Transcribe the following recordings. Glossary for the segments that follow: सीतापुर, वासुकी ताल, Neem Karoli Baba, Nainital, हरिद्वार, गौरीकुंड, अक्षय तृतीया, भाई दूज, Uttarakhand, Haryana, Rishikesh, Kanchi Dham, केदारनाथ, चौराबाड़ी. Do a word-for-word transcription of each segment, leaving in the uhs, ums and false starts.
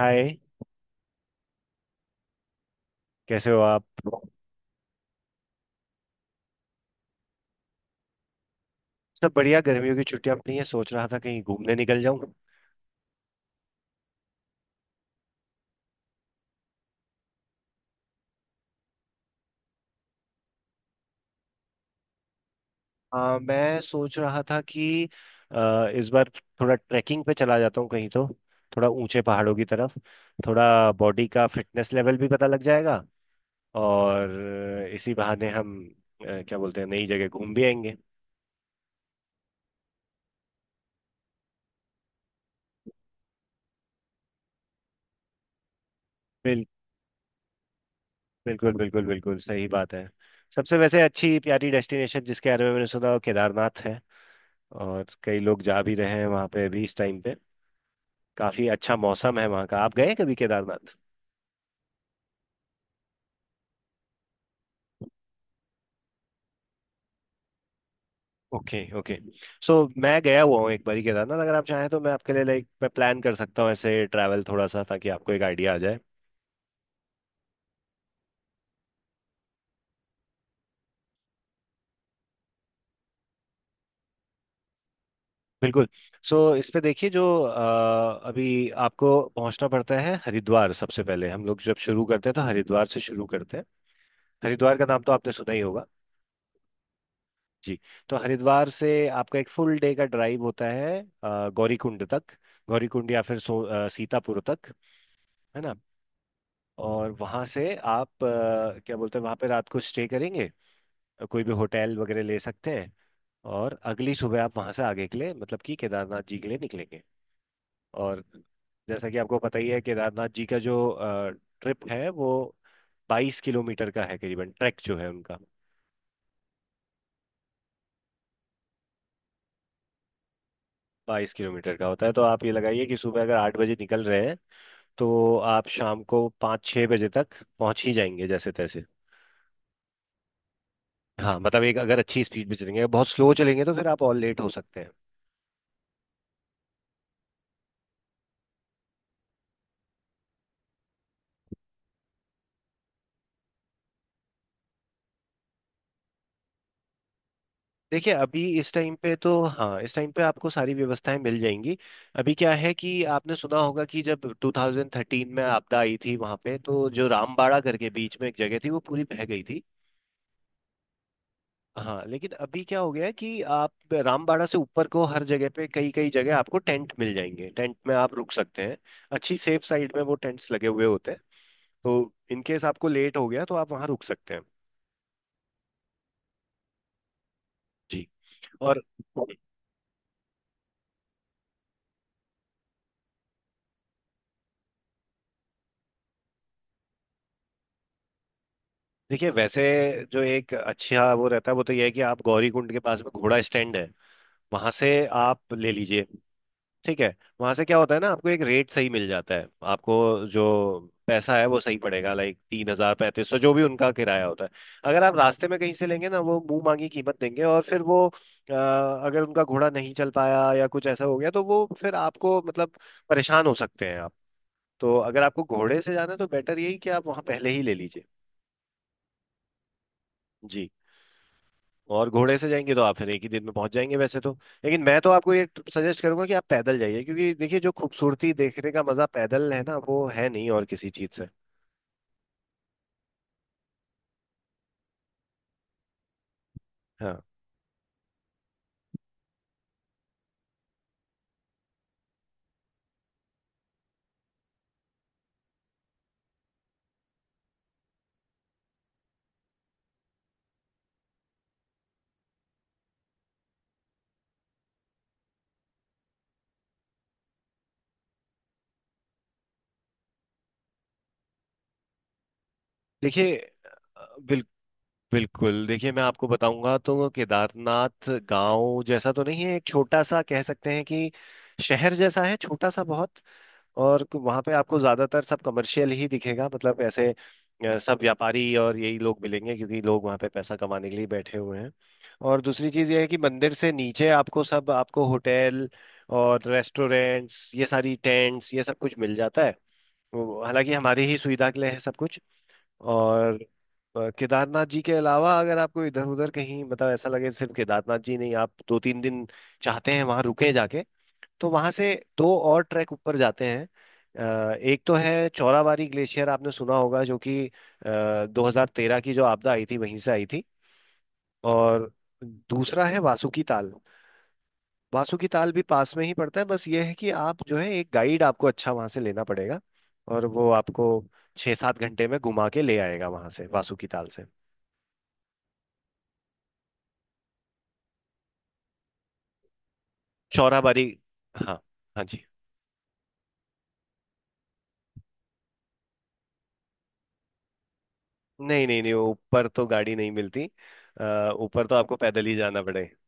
हाय। कैसे हो आप? सब बढ़िया, गर्मियों की छुट्टियां अपनी है, सोच रहा था कहीं घूमने निकल जाऊं। आ, मैं सोच रहा था कि आ, इस बार थोड़ा ट्रैकिंग पे चला जाता हूँ कहीं तो, थोड़ा ऊंचे पहाड़ों की तरफ। थोड़ा बॉडी का फिटनेस लेवल भी पता लग जाएगा, और इसी बहाने हम आ, क्या बोलते हैं, नई जगह घूम भी आएंगे। बिल, बिल्कुल बिल्कुल बिल्कुल सही बात है। सबसे वैसे अच्छी प्यारी डेस्टिनेशन जिसके बारे में मैंने सुना वो केदारनाथ है। और कई लोग जा भी रहे हैं वहाँ पे अभी इस टाइम पे, काफी अच्छा मौसम है वहाँ का। आप गए हैं कभी केदारनाथ? Okay, okay. सो मैं गया हुआ हूँ एक बारी केदारनाथ, अगर आप चाहें तो मैं आपके लिए लाइक मैं प्लान कर सकता हूँ ऐसे ट्रैवल थोड़ा सा, ताकि आपको एक आइडिया आ जाए। बिल्कुल। सो इस पे देखिए, जो अ, अभी आपको पहुंचना पड़ता है हरिद्वार। सबसे पहले हम लोग जब शुरू करते हैं तो हरिद्वार से शुरू करते हैं। हरिद्वार का नाम तो आपने सुना ही होगा। जी। तो हरिद्वार से आपका एक फुल डे का ड्राइव होता है अ, गौरीकुंड तक। गौरीकुंड या फिर सो अ, सीतापुर तक, है ना। और वहाँ से आप, अ, क्या बोलते हैं, वहाँ पे रात को स्टे करेंगे। कोई भी होटल वगैरह ले सकते हैं। और अगली सुबह आप वहाँ से आगे के लिए मतलब कि केदारनाथ जी के लिए निकलेंगे। और जैसा कि आपको पता ही है केदारनाथ जी का जो ट्रिप है वो बाईस किलोमीटर का है करीबन, ट्रैक जो है उनका बाईस किलोमीटर का होता है। तो आप ये लगाइए कि सुबह अगर आठ बजे निकल रहे हैं, तो आप शाम को पाँच छः बजे तक पहुँच ही जाएंगे जैसे तैसे। हाँ मतलब एक अगर अच्छी स्पीड में चलेंगे, बहुत स्लो चलेंगे तो फिर आप और लेट हो सकते हैं। देखिए अभी इस टाइम पे तो हाँ, इस टाइम पे आपको सारी व्यवस्थाएं मिल जाएंगी। अभी क्या है कि आपने सुना होगा कि जब दो हज़ार तेरह में आपदा आई थी वहां पे, तो जो रामबाड़ा करके बीच में एक जगह थी वो पूरी बह गई थी। हाँ लेकिन अभी क्या हो गया है कि आप रामबाड़ा से ऊपर को हर जगह पे, कई कई जगह आपको टेंट मिल जाएंगे। टेंट में आप रुक सकते हैं। अच्छी सेफ साइड में वो टेंट्स लगे हुए होते हैं। तो इनकेस आपको लेट हो गया तो आप वहां रुक सकते हैं। जी। और देखिए वैसे जो एक अच्छा वो रहता है, वो तो ये है कि आप गौरी कुंड के पास में घोड़ा स्टैंड है, वहां से आप ले लीजिए। ठीक है। वहां से क्या होता है ना, आपको एक रेट सही मिल जाता है। आपको जो पैसा है वो सही पड़ेगा, लाइक तीन हजार पैंतीस सौ जो भी उनका किराया होता है। अगर आप रास्ते में कहीं से लेंगे ना, वो मुंह मांगी कीमत देंगे, और फिर वो अ, अगर उनका घोड़ा नहीं चल पाया या कुछ ऐसा हो गया तो वो फिर आपको मतलब परेशान हो सकते हैं आप। तो अगर आपको घोड़े से जाना है तो बेटर यही कि आप वहां पहले ही ले लीजिए। जी। और घोड़े से जाएंगे तो आप फिर एक ही दिन में पहुंच जाएंगे वैसे तो, लेकिन मैं तो आपको ये सजेस्ट करूंगा कि आप पैदल जाइए, क्योंकि देखिए जो खूबसूरती देखने का मजा पैदल है ना वो है नहीं और किसी चीज से। हाँ देखिए, अ, बिल, बिल्कुल देखिए, मैं आपको बताऊंगा तो वो केदारनाथ गांव जैसा तो नहीं है, एक छोटा सा कह सकते हैं कि शहर जैसा है छोटा सा बहुत। और वहां पे आपको ज्यादातर सब कमर्शियल ही दिखेगा, मतलब ऐसे अ, सब व्यापारी और यही लोग मिलेंगे, क्योंकि लोग वहां पे पैसा कमाने के लिए बैठे हुए हैं। और दूसरी चीज ये है कि मंदिर से नीचे आपको सब, आपको होटल और रेस्टोरेंट्स ये सारी टेंट्स ये सब कुछ मिल जाता है। वो- हालांकि हमारी ही सुविधा के लिए है सब कुछ। और अ, केदारनाथ जी के अलावा अगर आपको इधर उधर कहीं मतलब ऐसा लगे सिर्फ केदारनाथ जी नहीं, आप दो तीन दिन चाहते हैं वहां रुके जाके, तो वहां से दो और ट्रैक ऊपर जाते हैं। अ, एक तो है चौराबाड़ी ग्लेशियर, आपने सुना होगा, जो कि अ, दो हज़ार तेरह की जो आपदा आई थी वहीं से आई थी। और दूसरा है वासुकी ताल। वासुकी ताल भी पास में ही पड़ता है, बस ये है कि आप जो है एक गाइड आपको अच्छा वहां से लेना पड़ेगा, और वो आपको छः सात घंटे में घुमा के ले आएगा वहां से, वासुकी ताल से चौराबाड़ी। हाँ, हाँ जी। नहीं नहीं नहीं, वो ऊपर तो गाड़ी नहीं मिलती, अ, ऊपर तो आपको पैदल ही जाना पड़ेगा।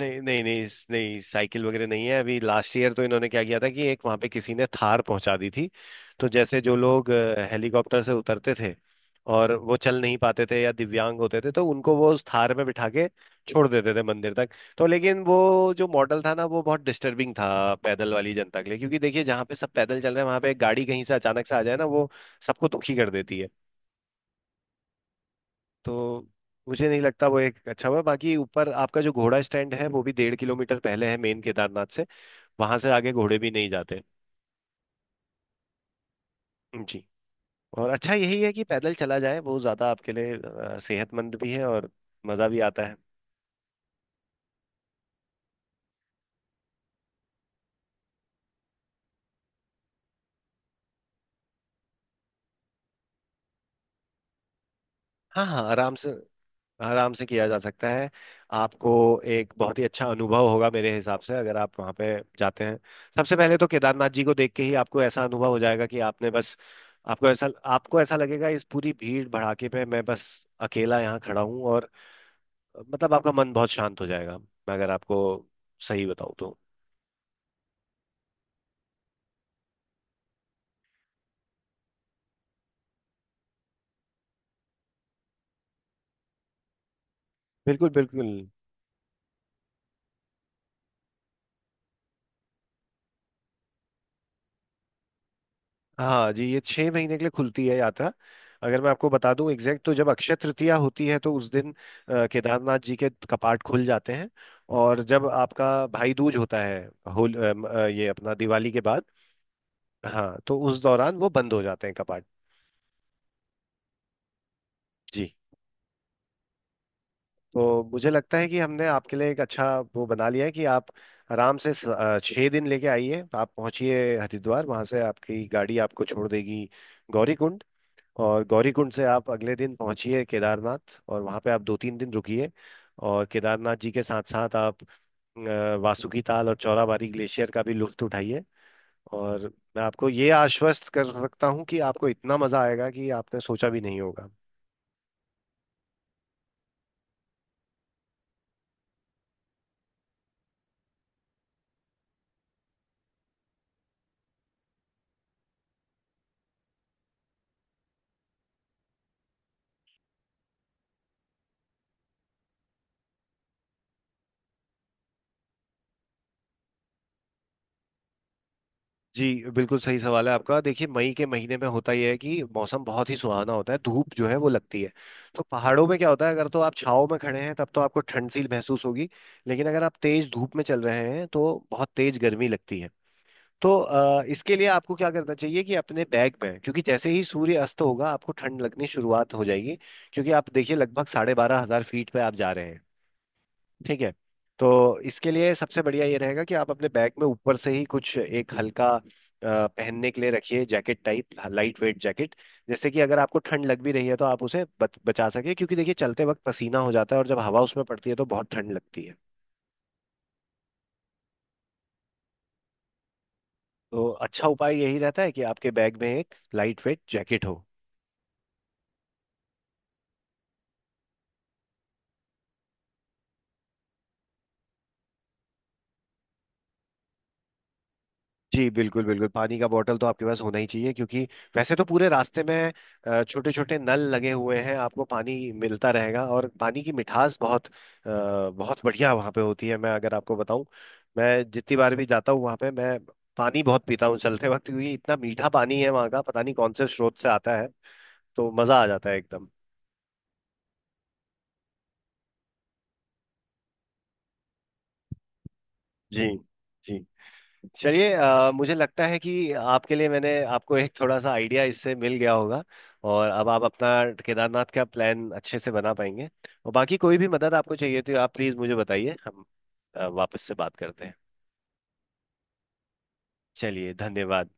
नहीं नहीं नहीं, इस- नहीं, साइकिल वगैरह नहीं है। अभी लास्ट ईयर तो इन्होंने क्या किया था कि एक वहां पे किसी ने थार पहुंचा दी थी, तो जैसे जो लोग अ, हेलीकॉप्टर से उतरते थे और वो चल नहीं पाते थे या दिव्यांग होते थे, तो उनको वो उस थार में बिठा के छोड़ देते थे मंदिर तक। तो लेकिन वो जो मॉडल था ना वो बहुत डिस्टर्बिंग था पैदल वाली जनता के लिए, क्योंकि देखिए जहाँ पे सब पैदल चल रहे हैं वहां पे एक गाड़ी कहीं से अचानक से आ जाए ना वो सबको दुखी कर देती है। तो मुझे नहीं लगता वो एक अच्छा हुआ। बाकी ऊपर आपका जो घोड़ा स्टैंड है वो भी डेढ़ किलोमीटर पहले है मेन केदारनाथ से, वहां से आगे घोड़े भी नहीं जाते। जी। और अच्छा यही है कि पैदल चला जाए, वो ज्यादा आपके लिए अ, सेहतमंद भी है और मजा भी आता है। हाँ हाँ, आराम से। आराम से किया जा सकता है। आपको एक बहुत ही अच्छा अनुभव होगा मेरे हिसाब से, अगर आप वहाँ पे जाते हैं। सबसे पहले तो केदारनाथ जी को देख के ही आपको ऐसा अनुभव हो जाएगा कि आपने बस, आपको ऐसा, आपको ऐसा लगेगा इस पूरी भीड़ भड़ाके पे मैं बस अकेला यहाँ खड़ा हूँ, और मतलब आपका मन बहुत शांत हो जाएगा, मैं अगर आपको सही बताऊँ तो। बिल्कुल बिल्कुल। हाँ जी, ये छः महीने के लिए खुलती है यात्रा। अगर मैं आपको बता दूं एग्जैक्ट, तो जब अक्षय तृतीया होती है तो उस दिन अ, केदारनाथ जी के कपाट खुल जाते हैं, और जब आपका भाई दूज होता है, होल अ, म- अ, ये अपना दिवाली के बाद। हाँ, तो उस दौरान वो बंद हो जाते हैं कपाट। जी। तो मुझे लगता है कि हमने आपके लिए एक अच्छा वो बना लिया है कि आप आराम से स- अ, छः दिन लेके आइए। आप पहुंचिए हरिद्वार, वहां से आपकी गाड़ी आपको छोड़ देगी गौरीकुंड। और गौरीकुंड से आप अगले दिन पहुंचिए केदारनाथ, और वहां पे आप दो तीन दिन रुकिए। और केदारनाथ जी के साथ साथ आप अ, वासुकी ताल और चौराबाड़ी ग्लेशियर का भी लुत्फ उठाइए। और मैं आपको ये आश्वस्त कर सकता हूँ कि आपको इतना मजा आएगा कि आपने सोचा भी नहीं होगा। जी, बिल्कुल सही सवाल है आपका। देखिए मई के महीने में होता यह है कि मौसम बहुत ही सुहाना होता है, धूप जो है वो लगती है। तो पहाड़ों में क्या होता है, अगर तो आप छाव में खड़े हैं तब तो आपको ठंड सी महसूस होगी, लेकिन अगर आप तेज धूप में चल रहे हैं तो बहुत तेज गर्मी लगती है। तो अ, इसके लिए आपको क्या करना चाहिए, कि अपने बैग में, क्योंकि जैसे ही सूर्य अस्त होगा आपको ठंड लगनी शुरुआत हो जाएगी, क्योंकि आप देखिए लगभग साढ़े बारह हजार फीट पे आप जा रहे हैं, ठीक है। तो इसके लिए सबसे बढ़िया ये रहेगा कि आप अपने बैग में ऊपर से ही कुछ एक हल्का अ, पहनने के लिए रखिए, jacket type, light weight jacket. जैसे कि अगर आपको ठंड लग भी रही है तो आप उसे बच, बचा सके, क्योंकि देखिए चलते वक्त पसीना हो जाता है और जब हवा उसमें पड़ती है तो बहुत ठंड लगती है। तो अच्छा उपाय यही रहता है कि आपके बैग में एक लाइट वेट जैकेट हो। जी बिल्कुल बिल्कुल, पानी का बॉटल तो आपके पास होना ही चाहिए, क्योंकि वैसे तो पूरे रास्ते में छोटे छोटे नल लगे हुए हैं आपको पानी मिलता रहेगा, और पानी की मिठास बहुत अ, बहुत बढ़िया वहाँ पे होती है। मैं अगर आपको बताऊं, मैं जितनी बार भी जाता हूँ वहाँ पे मैं पानी बहुत पीता हूँ चलते वक्त, क्योंकि इतना मीठा पानी है वहाँ का, पता नहीं कौन से स्रोत से आता है, तो मज़ा आ जाता है एकदम। जी। जी। चलिए, अ, मुझे लगता है कि आपके लिए मैंने आपको एक थोड़ा सा आइडिया इससे मिल गया होगा, और अब आप अपना केदारनाथ का प्लान अच्छे से बना पाएंगे। और बाकी कोई भी मदद आपको चाहिए तो आप प्लीज़ मुझे बताइए, हम अ, वापस से बात करते हैं। चलिए, धन्यवाद।